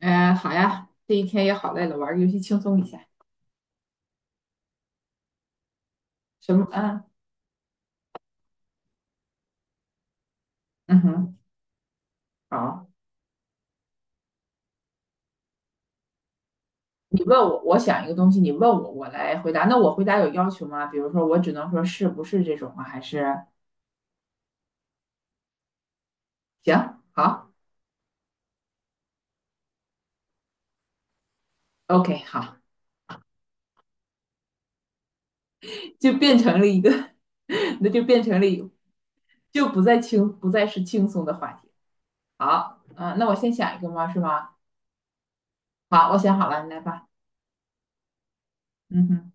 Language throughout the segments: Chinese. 嗯，好呀，这一天也好累了，玩个游戏轻松一下。什么？嗯嗯哼，好。你问我，我想一个东西，你问我，我来回答。那我回答有要求吗？比如说，我只能说是不是这种啊？还是行，好，OK，好，就变成了一个，那就变成了一，个，就不再轻，不再是轻松的话题。好，那我先想一个吗？是吗？好，我想好了，你来吧。嗯哼，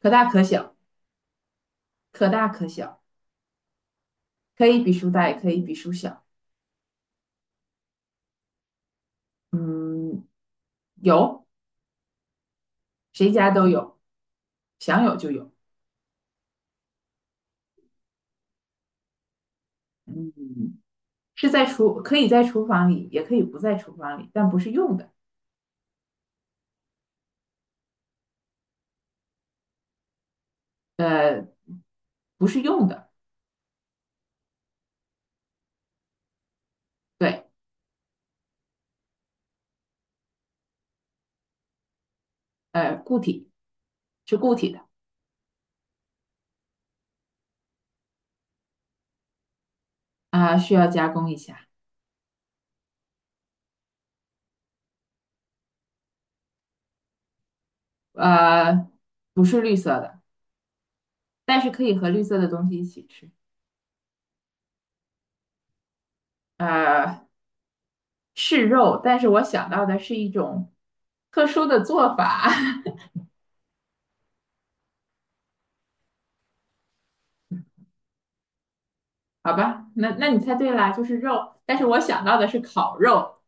可大可小，可大可小，可以比书大，也可以比书小。嗯，有。谁家都有，想有就有，嗯，是在厨，可以在厨房里，也可以不在厨房里，但不是用的，呃，不是用的，对，固体是固体的，需要加工一下，呃，不是绿色的，但是可以和绿色的东西一起吃，呃，是肉，但是我想到的是一种特殊的做法，好吧，那你猜对啦，就是肉，但是我想到的是烤肉，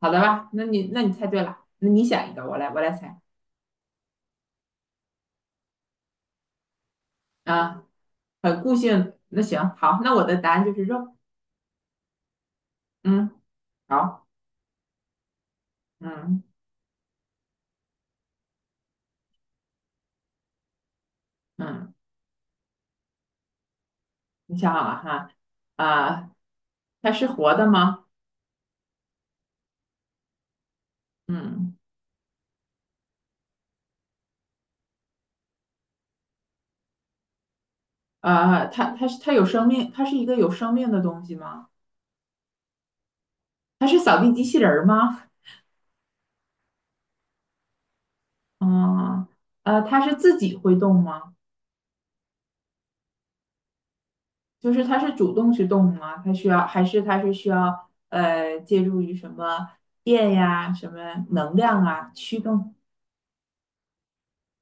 好的吧，那你猜对了，那你想一个，我来猜。啊，很固性。那行，好，那我的答案就是肉。嗯，好，嗯嗯，你想好了哈？啊，它是活的吗？嗯，啊，它有生命，它是一个有生命的东西吗？它是扫地机器人儿吗？嗯，它是自己会动吗？就是它是主动去动吗？它需要还是它是需要借助于什么电呀、什么能量啊驱动？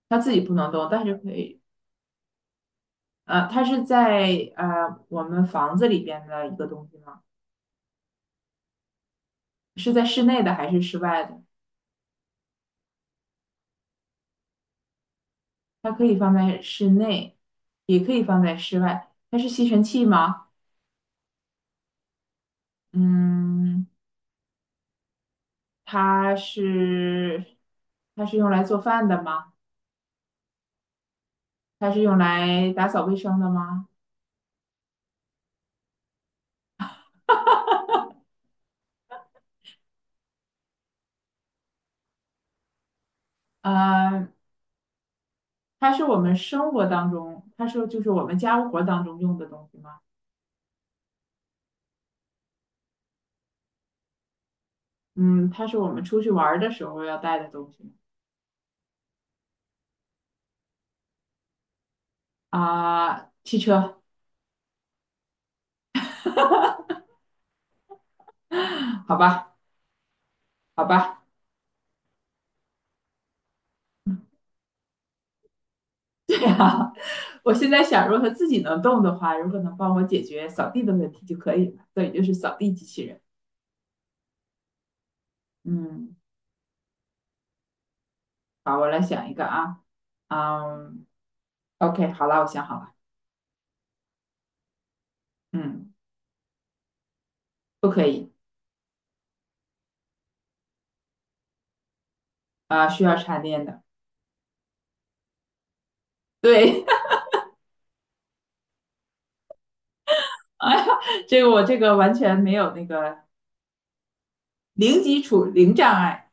它自己不能动，但是可以。呃，它是在我们房子里边的一个东西吗？是在室内的还是室外的？它可以放在室内，也可以放在室外。它是吸尘器吗？嗯，它是它是用来做饭的吗？它是用来打扫卫生的吗？呃，它是我们生活当中，它是就是我们家务活当中用的东西吗？嗯，它是我们出去玩儿的时候要带的东西吗？啊，汽车，好吧，好吧。对啊，我现在想，如果它自己能动的话，如果能帮我解决扫地的问题就可以了，所以就是扫地机器人。嗯，好，我来想一个啊，嗯，OK，好了，我想好了，嗯，不可以啊，需要插电的。对，哎呀，我这个完全没有那个零基础、零障碍。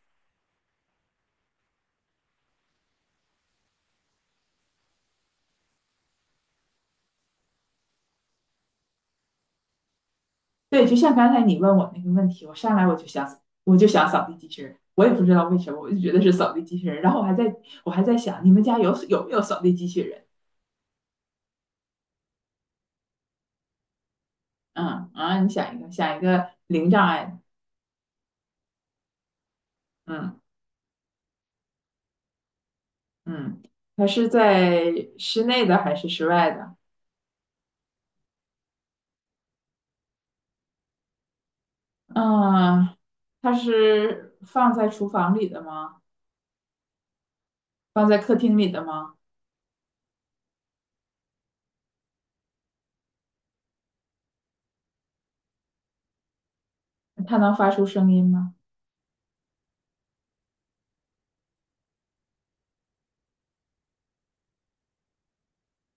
对，就像刚才你问我那个问题，我上来我就想，我就想扫地机器人，我也不知道为什么，我就觉得是扫地机器人，然后我还在想，你们家有没有扫地机器人？嗯啊，你想一个，想一个零障碍的，嗯嗯，它是在室内的还是室外的？嗯，它是放在厨房里的吗？放在客厅里的吗？它能发出声音吗？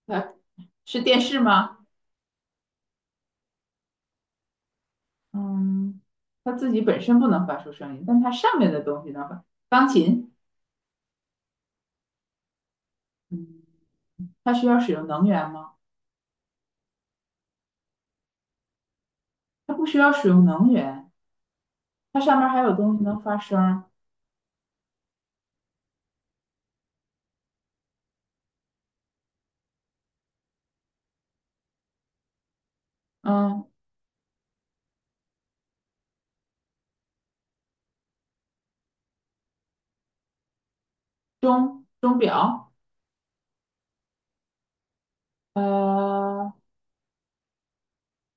它是电视吗？嗯，它自己本身不能发出声音，但它上面的东西能发。钢琴，嗯，它需要使用能源吗？它不需要使用能源，它上面还有东西能发声儿嗯，钟表，呃。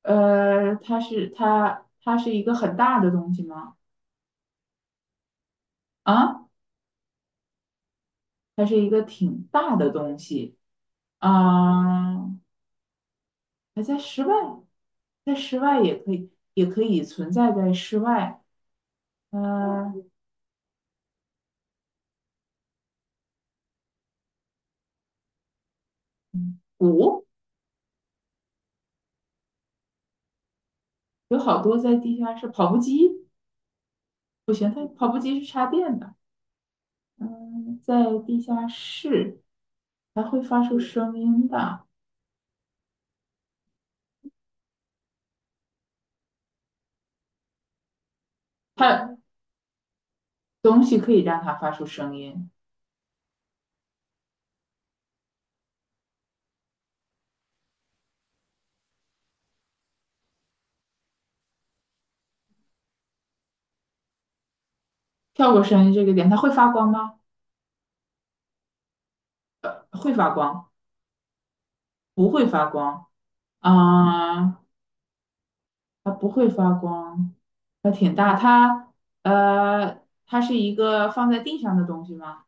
它是一个很大的东西吗？啊，它是一个挺大的东西啊，还在室外，在室外也可以存在在室外。呃，嗯鼓有好多在地下室，跑步机不行，它跑步机是插电的。嗯，在地下室还会发出声音的，它东西可以让它发出声音。跳过声音这个点，它会发光吗？会发光。不会发光啊，它不会发光，它挺大，它它是一个放在地上的东西吗？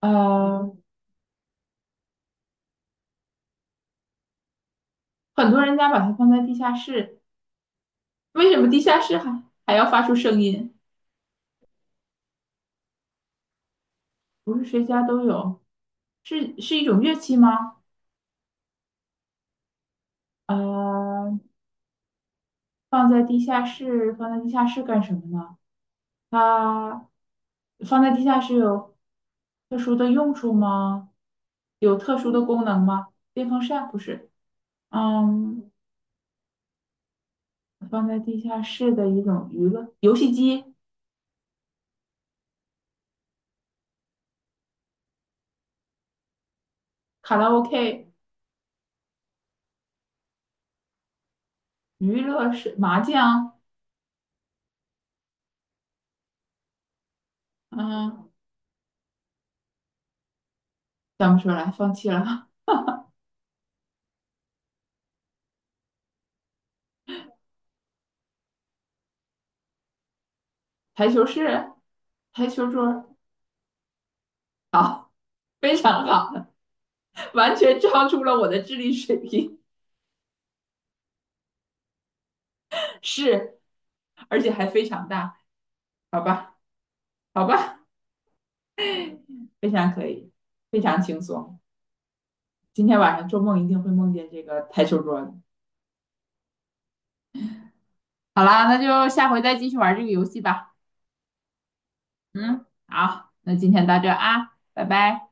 呃，很多人家把它放在地下室，为什么地下室还要发出声音？不是谁家都有，是一种乐器吗？呃，放在地下室，放在地下室干什么呢？它放在地下室有特殊的用处吗？有特殊的功能吗？电风扇不是，嗯，放在地下室的一种娱乐，游戏机、卡拉 OK、娱乐室、麻将，嗯，想不出来，放弃了。台球室、台球桌，好，非常好，完全超出了我的智力水平，是，而且还非常大，好吧，好吧，非常可以，非常轻松。今天晚上做梦一定会梦见这个台球桌的。好啦，那就下回再继续玩这个游戏吧。嗯，好，那今天到这啊，拜拜。